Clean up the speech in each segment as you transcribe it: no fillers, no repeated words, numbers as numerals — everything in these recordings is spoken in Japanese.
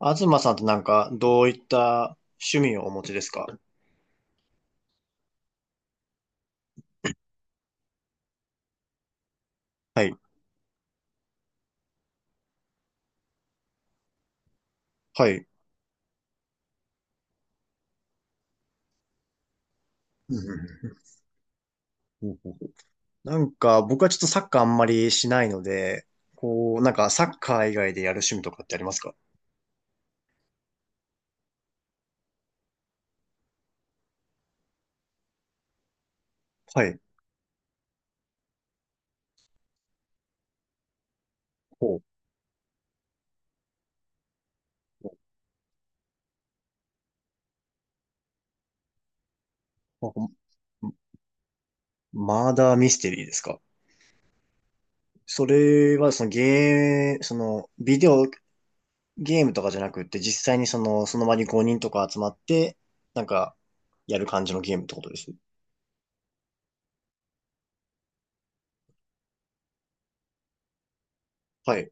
東さんってなんか、どういった趣味をお持ちですか？はい。はい。うんうんうん。なんか、僕はちょっとサッカーあんまりしないので、こう、なんか、サッカー以外でやる趣味とかってありますか？はい。ほう。ほう。あ、マーダーミステリーですか？それは、そのゲー、その、ビデオゲームとかじゃなくって、実際にその、その場に5人とか集まって、なんか、やる感じのゲームってことです。はい。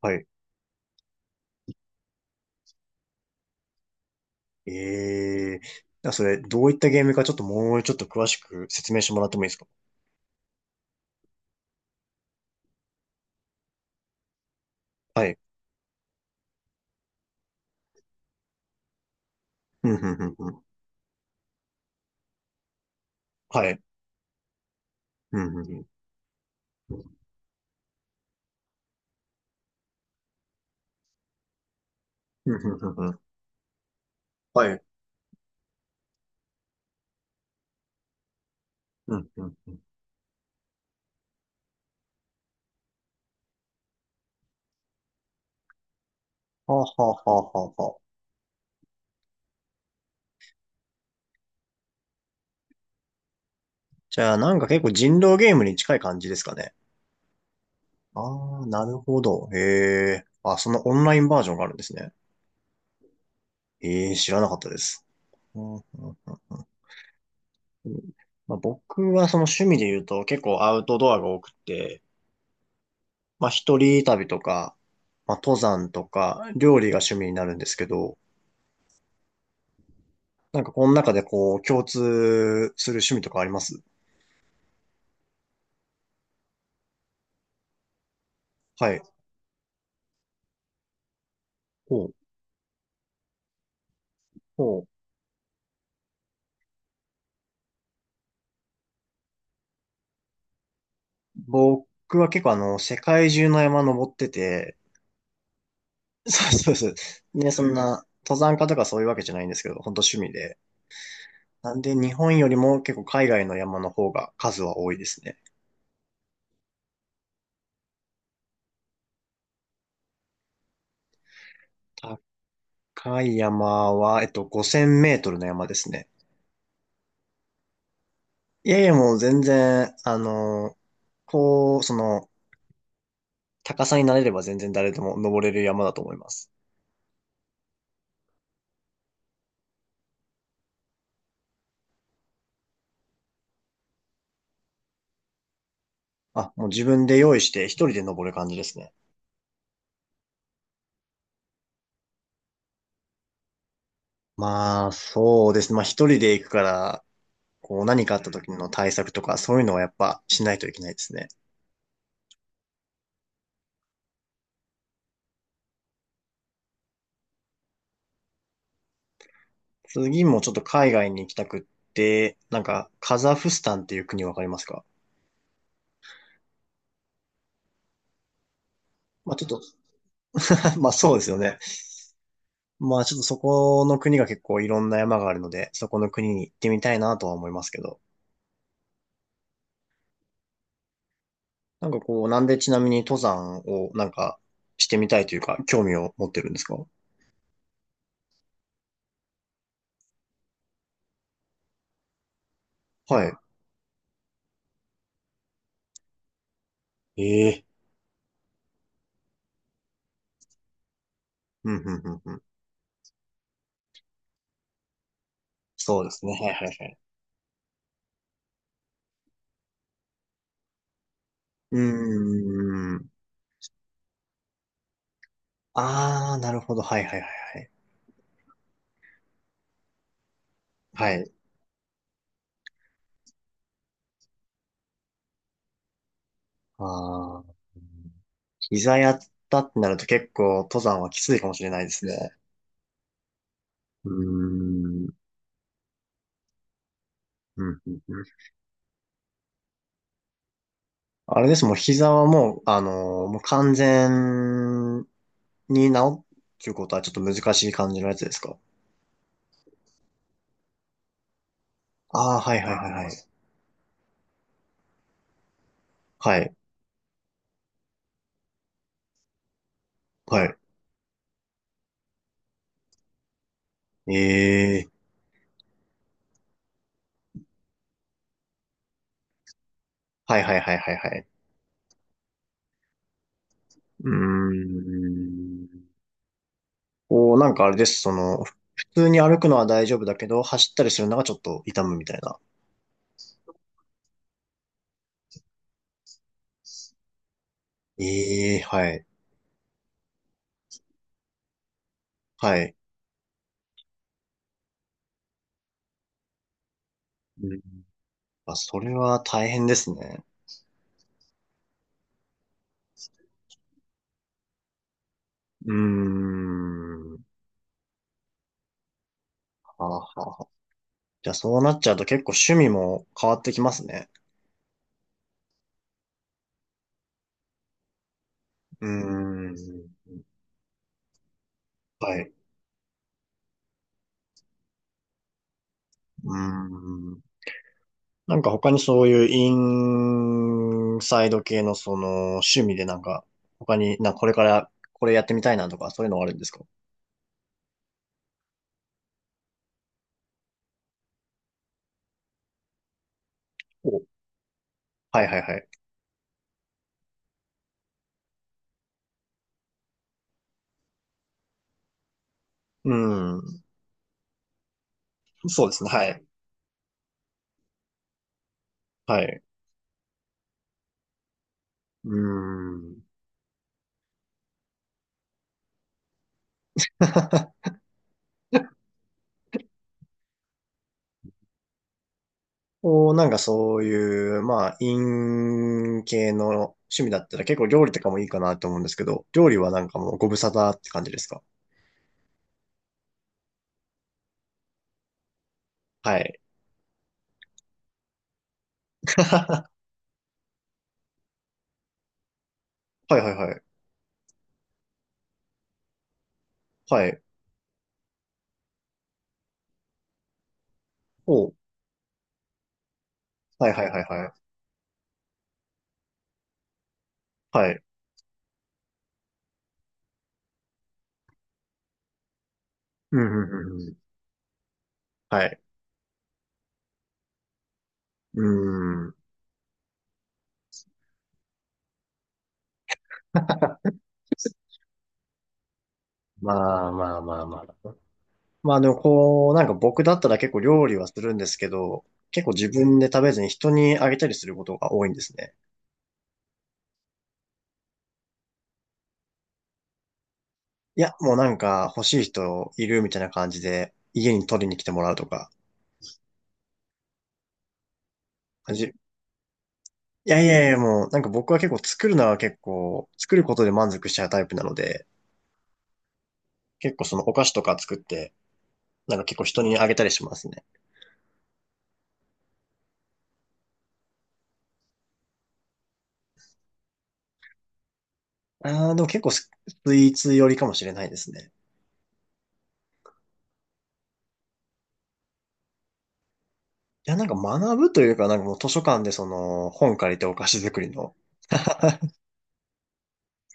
はい。ええー。それ、どういったゲームかちょっともうちょっと詳しく説明してもらってもいいですか？はい。うん、うん、うん、うん。はい。うん、うん、うん。うん、うん、うん、うん。はい。うん、うん、うん。はあ、はあ、はあ、はあはあ。じゃあ、なんか結構人狼ゲームに近い感じですかね。ああ、なるほど。へえ。あ、そのオンラインバージョンがあるんですね。ええ、知らなかったです。うん、うん、うん、うん。まあ、僕はその趣味で言うと結構アウトドアが多くて、まあ、一人旅とか、まあ、登山とか、料理が趣味になるんですけど、なんかこの中でこう、共通する趣味とかあります？はい。ほう。ほう。僕は結構あの、世界中の山登ってて、そうそうそう。ね、そんな、登山家とかそういうわけじゃないんですけど、本当趣味で。なんで、日本よりも結構海外の山の方が数は多いですね。高い山は、えっと、5000メートルの山ですね。いやいや、もう全然、あの、こう、その、高さになれれば全然誰でも登れる山だと思います。あ、もう自分で用意して一人で登る感じですね。まあ、そうですね。まあ一人で行くから、こう何かあった時の対策とかそういうのはやっぱしないといけないですね。次もちょっと海外に行きたくって、なんかカザフスタンっていう国わかりますか？まあちょっと、まあそうですよね。まあちょっとそこの国が結構いろんな山があるので、そこの国に行ってみたいなとは思いますけど。なんかこう、なんでちなみに登山をなんかしてみたいというか、興味を持ってるんですか？はい。ええ。うん、うん、うん、うん。そうですね。はい、はい、はい。うーん。あー、なるほど。はい、はい、はい、はい。はい。あー。膝やったってなると結構登山はきついかもしれないですね。うーん。うんうんうん。あれです、もう膝はもう、あのーもう完全に治るっていうことはちょっと難しい感じのやつですか？ああー、はいはいはいはい。はい、はい。ええ、はいはいはいはいはい。うーん。こう、なんかあれです、その、普通に歩くのは大丈夫だけど、走ったりするのがちょっと痛むみたいな。ええはい、はい。うん。あ、それは大変ですね。うーん。はあはあはあ。じゃあそうなっちゃうと結構趣味も変わってきますね。うーん。はい。うーん。なんか他にそういうインサイド系のその趣味でなんか他になんかこれからこれやってみたいなとかそういうのはあるんですか？お、はいはいはい。うん。そうですね。はい。はい。うん。お、なんかそういう、まあ、イン系の趣味だったら結構料理とかもいいかなと思うんですけど、料理はなんかもうご無沙汰って感じですか？はい。はいはいはい。はい。おう、はいはいはいはい。はい。うん、うん、うん。うん、はい。うん。まあまあまあまあ。まあでもこう、なんか僕だったら結構料理はするんですけど、結構自分で食べずに人にあげたりすることが多いんですね。いや、もうなんか欲しい人いるみたいな感じで家に取りに来てもらうとか。じいやいやいや、もうなんか僕は結構作るのは結構、作ることで満足しちゃうタイプなので、結構そのお菓子とか作って、なんか結構人にあげたりしますね。ああ、でも結構スイーツ寄りかもしれないですね。いや、なんか学ぶというか、なんかもう図書館でその本借りてお菓子作りの、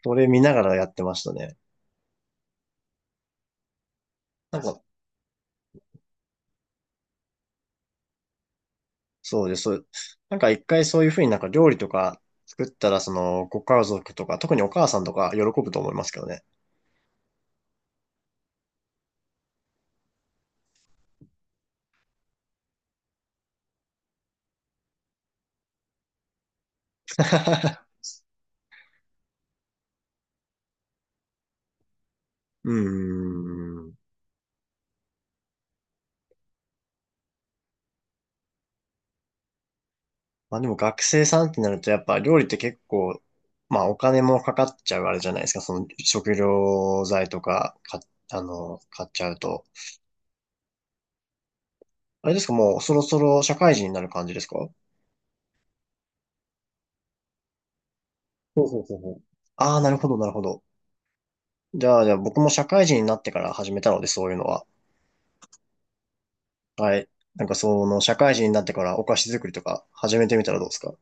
それ見ながらやってましたね。なんか、そうです。そう、なんか一回そういうふうになんか料理とか作ったら、そのご家族とか、特にお母さんとか喜ぶと思いますけどね。うーん。まあでも学生さんってなるとやっぱ料理って結構、まあお金もかかっちゃうあれじゃないですか。その食料材とか、あの、買っちゃうと。あれですか、もうそろそろ社会人になる感じですか？ほうほうほうほう。ああ、なるほど、なるほど。じゃあ、じゃあ僕も社会人になってから始めたので、そういうのは。はい。なんかその、社会人になってからお菓子作りとか始めてみたらどうですか？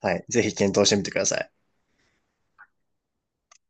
はい。ぜひ検討してみてください。